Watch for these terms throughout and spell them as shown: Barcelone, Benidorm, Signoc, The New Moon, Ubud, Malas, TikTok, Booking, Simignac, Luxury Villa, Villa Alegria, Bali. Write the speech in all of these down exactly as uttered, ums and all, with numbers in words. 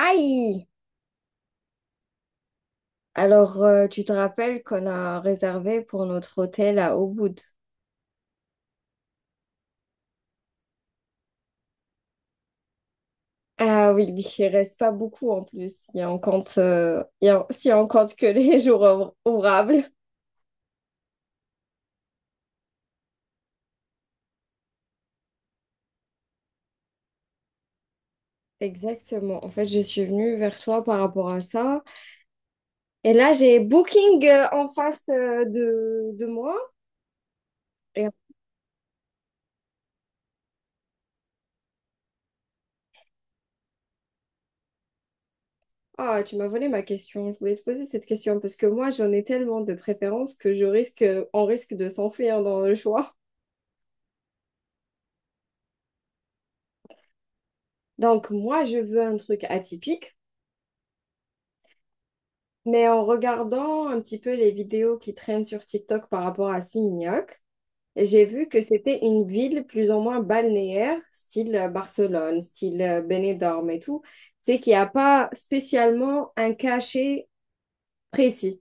Aïe! Alors, euh, tu te rappelles qu'on a réservé pour notre hôtel à Ubud. Ah oui, oui, il reste pas beaucoup en plus, si on compte, euh, il y a- si on compte que les jours ouvr- ouvrables. Exactement. En fait, je suis venue vers toi par rapport à ça. Et là, j'ai Booking euh, en face euh, de, de moi. Et ah, tu m'as volé ma question. Je voulais te poser cette question parce que moi, j'en ai tellement de préférences que je risque, on risque de s'enfuir dans le choix. Donc, moi, je veux un truc atypique. Mais en regardant un petit peu les vidéos qui traînent sur TikTok par rapport à Signoc, j'ai vu que c'était une ville plus ou moins balnéaire, style euh, Barcelone, style euh, Benidorm et tout. C'est qu'il n'y a pas spécialement un cachet précis.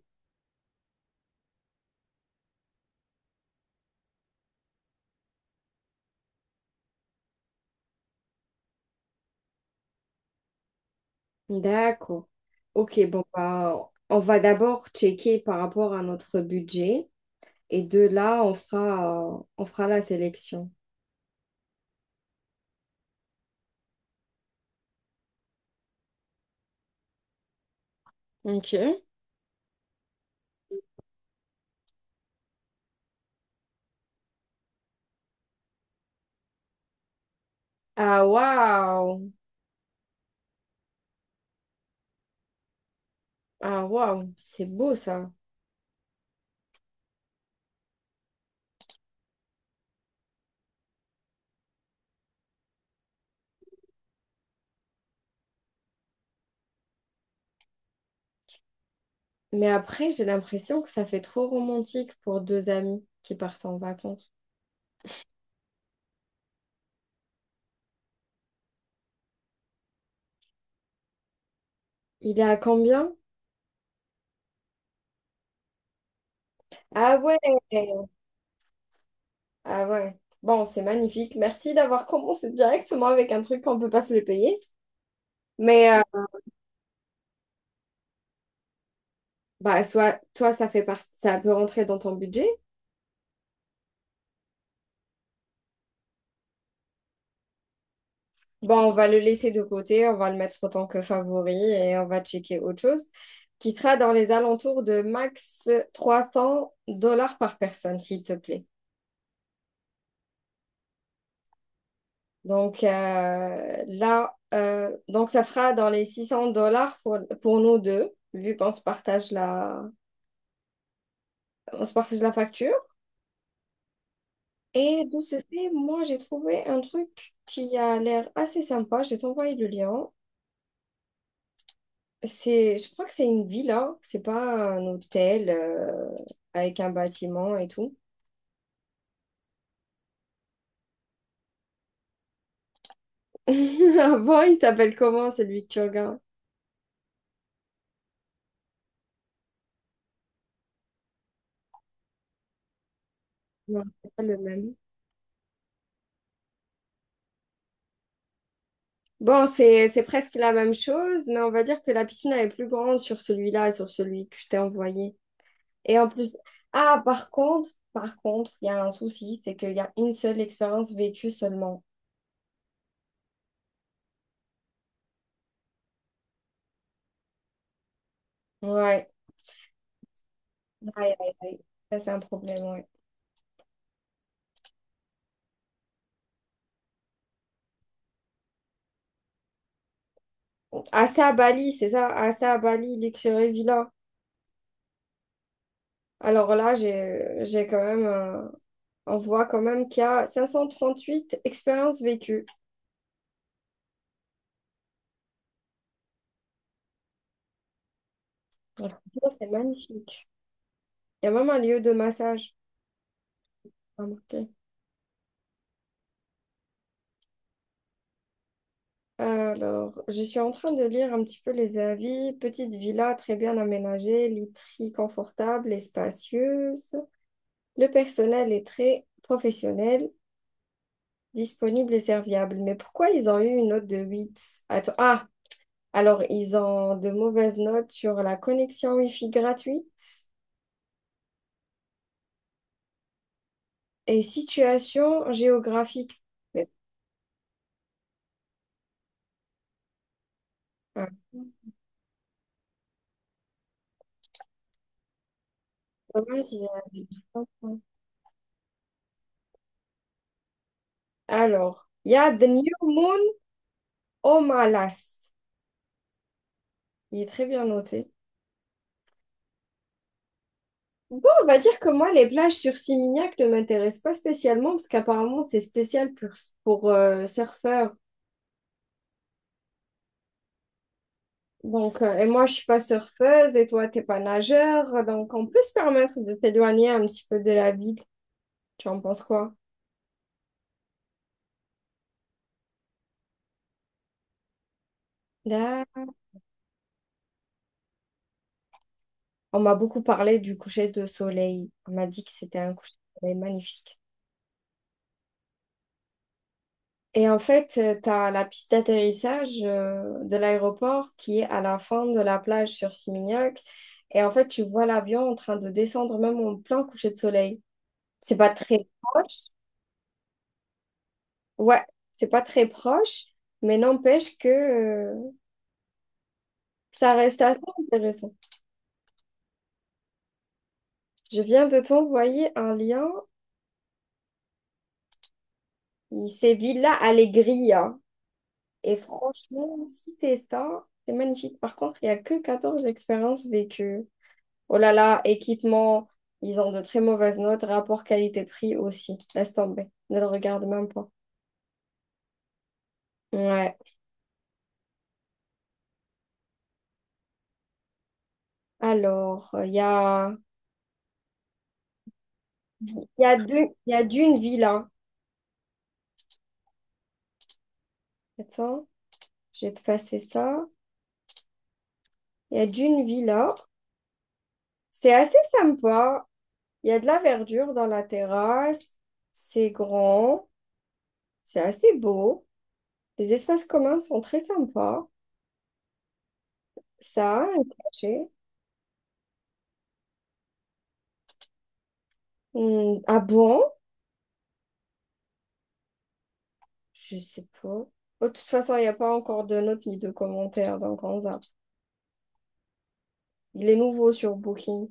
D'accord. Ok, bon, bah, on va d'abord checker par rapport à notre budget et de là, on fera, euh, on fera la sélection. Ok. Ah, waouh! Ah, waouh! C'est beau ça. Mais après, j'ai l'impression que ça fait trop romantique pour deux amis qui partent en vacances. Il est à combien? Ah ouais, ah ouais. Bon, c'est magnifique. Merci d'avoir commencé directement avec un truc qu'on peut pas se le payer. Mais euh, bah soit toi ça fait partie, ça peut rentrer dans ton budget. Bon, on va le laisser de côté, on va le mettre en tant que favori et on va checker autre chose qui sera dans les alentours de max trois cents dollars par personne, s'il te plaît. Donc euh, là, euh, donc ça fera dans les six cents dollars pour, pour nous deux, vu qu'on se partage la, on se partage la facture. Et de ce fait, moi, j'ai trouvé un truc qui a l'air assez sympa. Je vais t'envoyer le lien. C'est, je crois que c'est une villa, c'est pas un hôtel euh, avec un bâtiment et tout. avant il s'appelle comment celui que tu regardes? Non, c'est pas le même. Bon, c'est c'est presque la même chose, mais on va dire que la piscine elle est plus grande sur celui-là et sur celui que je t'ai envoyé. Et en plus, ah, par contre, par contre, il y a un souci, c'est qu'il y a une seule expérience vécue seulement. Ouais, aïe, aïe, aïe. Ça, c'est un problème, ouais. Assez à Bali, c'est ça, assez à Bali, Luxury Villa. Alors là, j'ai j'ai quand même, un- on voit quand même qu'il y a cinq cent trente-huit expériences vécues. Donc, franchement, c'est magnifique. Il y a même un lieu de massage, remarqué. Alors, je suis en train de lire un petit peu les avis. Petite villa très bien aménagée, literie confortable et spacieuse. Le personnel est très professionnel, disponible et serviable. Mais pourquoi ils ont eu une note de huit? Attends, ah, alors ils ont de mauvaises notes sur la connexion Wi-Fi gratuite et situation géographique. Mais, ah, dommage, il y a- alors, il y a The New Moon au Malas. Il est très bien noté. Bon, on va dire que moi, les plages sur Simignac ne m'intéressent pas spécialement parce qu'apparemment, c'est spécial pour, pour euh, surfeurs. Donc, euh, et moi, je suis pas surfeuse et toi, t'es pas nageur. Donc, on peut se permettre de s'éloigner un petit peu de la ville. Tu en penses quoi? Là, on m'a beaucoup parlé du coucher de soleil. On m'a dit que c'était un coucher de soleil magnifique. Et en fait, euh, tu as la piste d'atterrissage euh, de l'aéroport qui est à la fin de la plage sur Simignac. Et en fait, tu vois l'avion en train de descendre même en plein coucher de soleil. C'est pas très proche. Ouais, c'est pas très proche, mais n'empêche que euh, ça reste assez intéressant. Je viens de t'envoyer un lien. Il- C'est Villa Alegria. Et franchement, si c'est ça, c'est magnifique. Par contre, il n'y a que quatorze expériences vécues. Oh là là, équipement, ils ont de très mauvaises notes. Rapport qualité-prix aussi. Laisse tomber. Ne le regarde même pas. Ouais. Alors, euh, il y a, il y a d'une, il y a d'une villa. Attends, je vais te passer ça. Il y a d'une villa. C'est assez sympa. Il y a de la verdure dans la terrasse. C'est grand. C'est assez beau. Les espaces communs sont très sympas. Ça a un cachet. Hmm, ah bon? Je sais pas. Oh, de toute façon, il n'y a pas encore de notes ni de commentaires, donc on zappe. Il est nouveau sur Booking.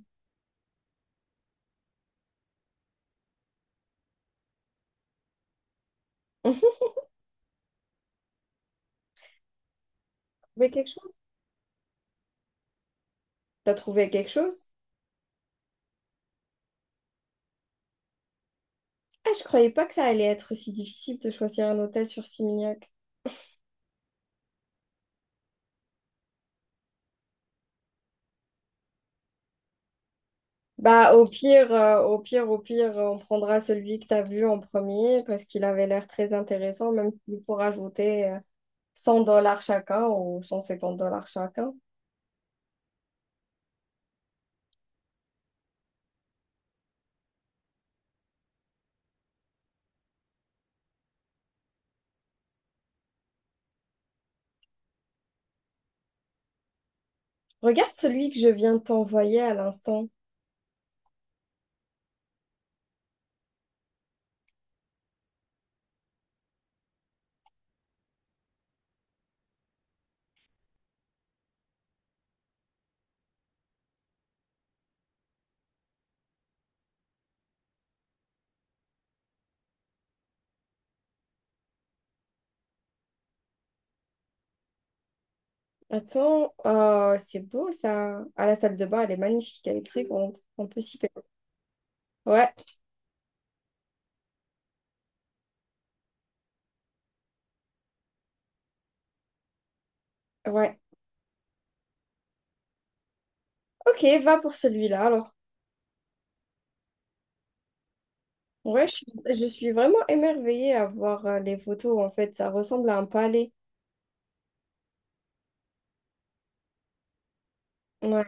t'as trouvé quelque chose? T'as trouvé quelque chose? Ah, je croyais pas que ça allait être si difficile de choisir un hôtel sur Simignac. Bah, au pire, euh, au pire, au pire, euh, on prendra celui que t'as vu en premier parce qu'il avait l'air très intéressant, même s'il faut rajouter euh, cent dollars chacun ou cent cinquante dollars chacun. Regarde celui que je viens de t'envoyer à l'instant. Attends, euh, c'est beau ça. À la salle de bain, elle est magnifique, elle est très grande. On peut s'y perdre. Ouais, ouais. Ok, va pour celui-là alors. Ouais, je suis, je suis vraiment émerveillée à voir euh, les photos en fait. Ça ressemble à un palais. Ouais,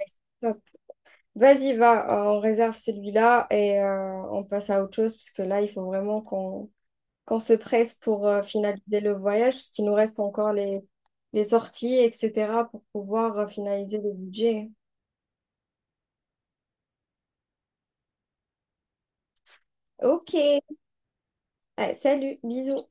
vas-y, va, euh, on réserve celui-là et euh, on passe à autre chose, parce que là, il faut vraiment qu'on qu'on se presse pour euh, finaliser le voyage, parce qu'il nous reste encore les, les sorties, et cetera, pour pouvoir euh, finaliser le budget. Ok, ouais, salut, bisous.